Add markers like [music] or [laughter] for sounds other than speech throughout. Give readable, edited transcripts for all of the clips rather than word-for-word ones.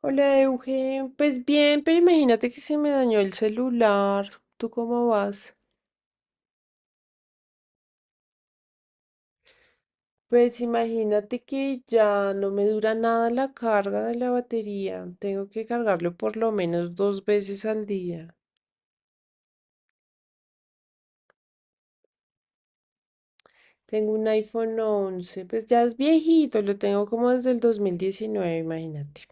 Hola, Eugen. Pues bien, pero imagínate que se me dañó el celular. ¿Tú cómo vas? Pues imagínate que ya no me dura nada la carga de la batería. Tengo que cargarlo por lo menos 2 veces al día. Tengo un iPhone 11, pues ya es viejito, lo tengo como desde el 2019, imagínate.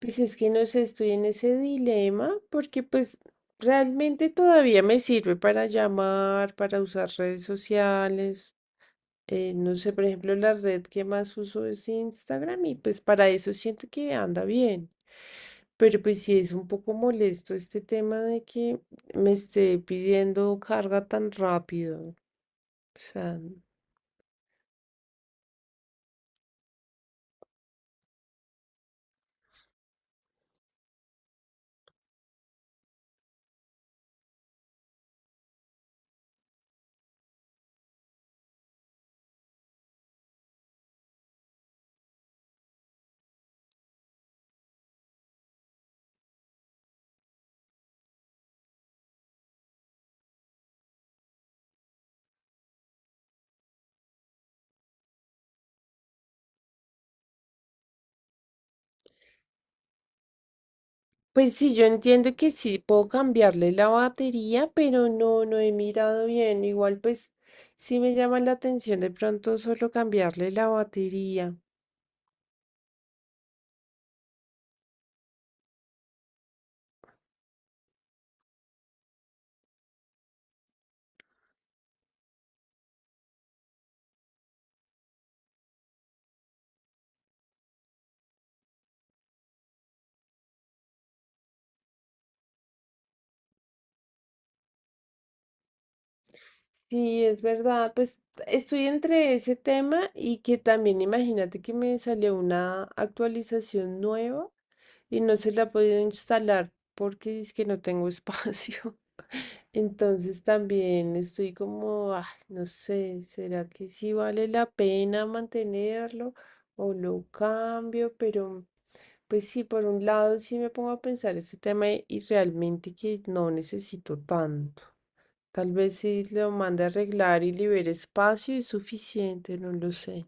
Pues es que no sé, estoy en ese dilema porque pues realmente todavía me sirve para llamar, para usar redes sociales. No sé, por ejemplo, la red que más uso es Instagram y pues para eso siento que anda bien. Pero pues sí es un poco molesto este tema de que me esté pidiendo carga tan rápido. O sea, pues sí, yo entiendo que sí puedo cambiarle la batería, pero no, no he mirado bien. Igual pues sí me llama la atención de pronto solo cambiarle la batería. Sí, es verdad. Pues estoy entre ese tema y que también imagínate que me salió una actualización nueva y no se la he podido instalar porque es que no tengo espacio. [laughs] Entonces también estoy como, ah, no sé, ¿será que sí vale la pena mantenerlo o lo cambio? Pero pues sí, por un lado sí me pongo a pensar ese tema y realmente que no necesito tanto. Tal vez si lo mande a arreglar y libere espacio es suficiente, no lo sé.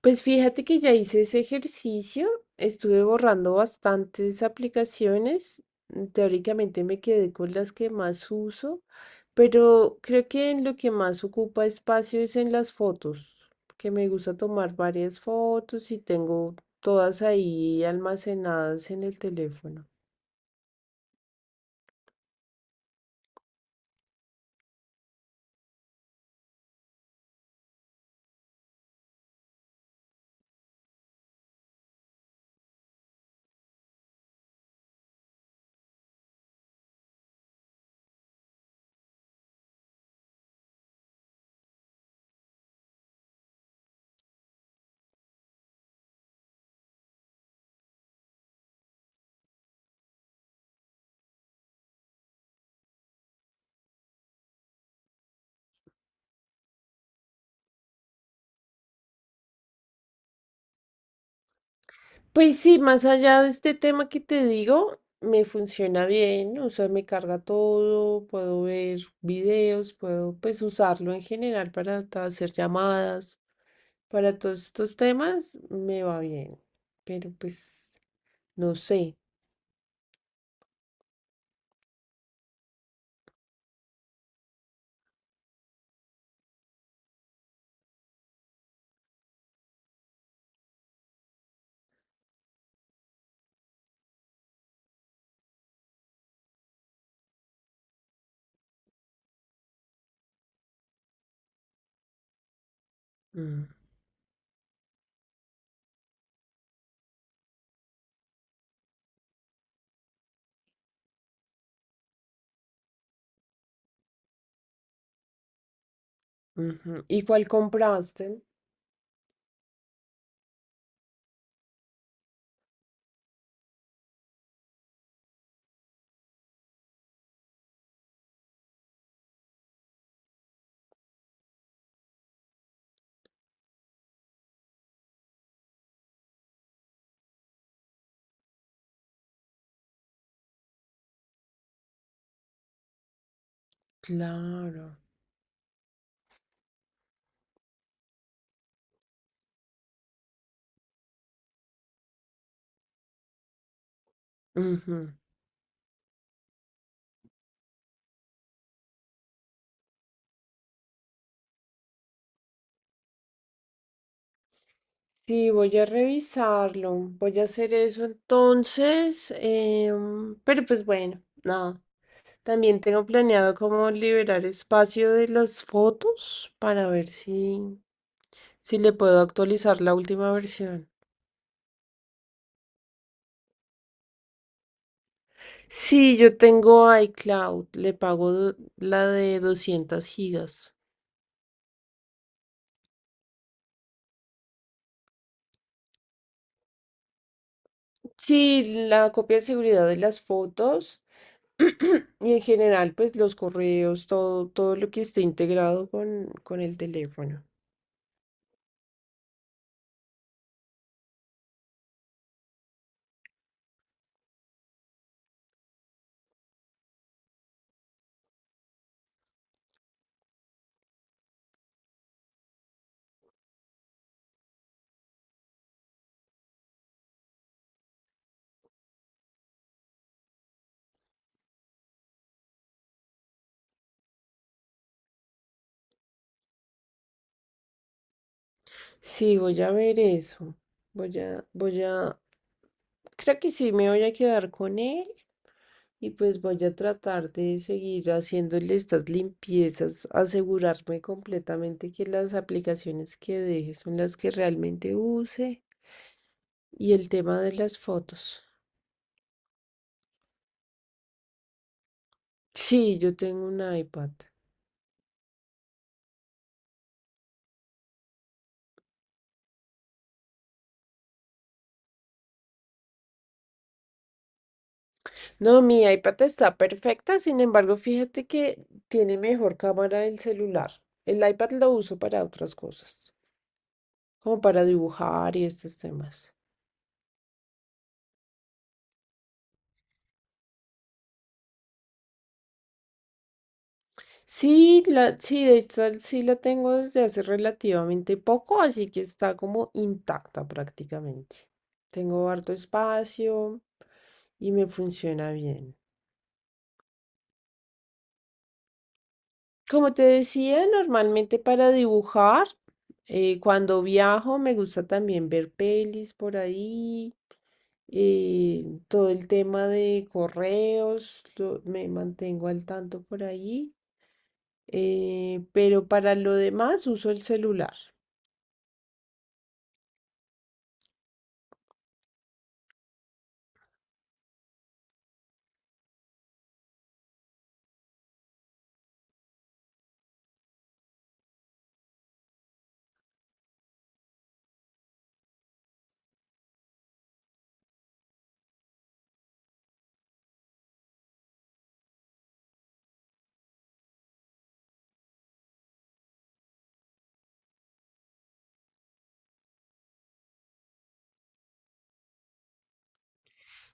Pues fíjate que ya hice ese ejercicio, estuve borrando bastantes aplicaciones, teóricamente me quedé con las que más uso, pero creo que en lo que más ocupa espacio es en las fotos, que me gusta tomar varias fotos y tengo todas ahí almacenadas en el teléfono. Pues sí, más allá de este tema que te digo, me funciona bien, o sea, me carga todo, puedo ver videos, puedo pues usarlo en general para hacer llamadas, para todos estos temas, me va bien, pero pues no sé. Mm, ujú. ¿Y cuál compraste? Claro. Sí, voy a revisarlo. Voy a hacer eso entonces. Pero pues bueno, nada. También tengo planeado como liberar espacio de las fotos para ver si, si le puedo actualizar la última versión. Sí, yo tengo iCloud. Le pago la de 200 gigas. Sí, la copia de seguridad de las fotos. [clears throat] Y en general, pues los correos, todo, todo lo que esté integrado con el teléfono. Sí, voy a ver eso. Voy a, creo que sí me voy a quedar con él y pues voy a tratar de seguir haciéndole estas limpiezas, asegurarme completamente que las aplicaciones que deje son las que realmente use y el tema de las fotos. Sí, yo tengo un iPad. No, mi iPad está perfecta, sin embargo, fíjate que tiene mejor cámara el celular. El iPad lo uso para otras cosas, como para dibujar y estos temas. Sí, la, sí, de hecho, sí la tengo desde hace relativamente poco, así que está como intacta prácticamente. Tengo harto espacio y me funciona bien. Como te decía, normalmente para dibujar, cuando viajo me gusta también ver pelis por ahí, todo el tema de correos, me mantengo al tanto por ahí, pero para lo demás uso el celular.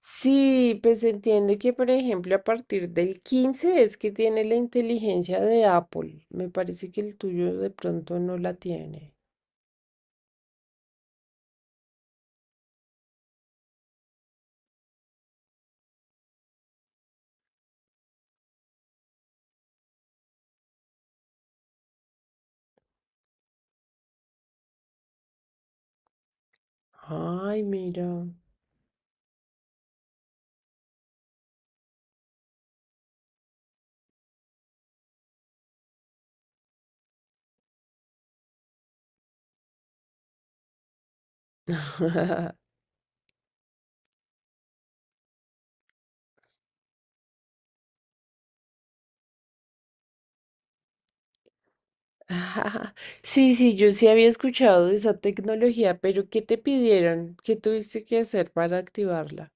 Sí, pues entiendo que, por ejemplo, a partir del 15 es que tiene la inteligencia de Apple. Me parece que el tuyo de pronto no la tiene. Ay, mira. [laughs] Sí, sí, yo sí había escuchado de esa tecnología, pero ¿qué te pidieron? ¿Qué tuviste que hacer para activarla?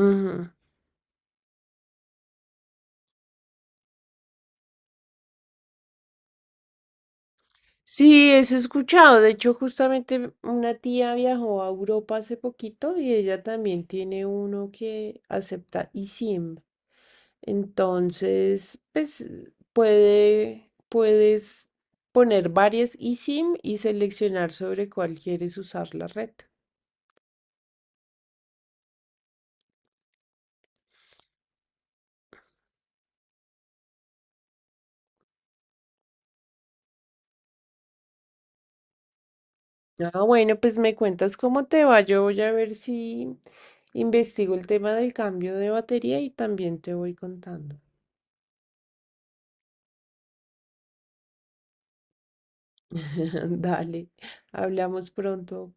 Ujú. Sí, eso he escuchado. De hecho, justamente una tía viajó a Europa hace poquito y ella también tiene uno que acepta eSIM. Entonces, pues puedes poner varias eSIM y seleccionar sobre cuál quieres usar la red. Ah, bueno, pues me cuentas cómo te va. Yo voy a ver si investigo el tema del cambio de batería y también te voy contando. [laughs] Dale, hablamos pronto.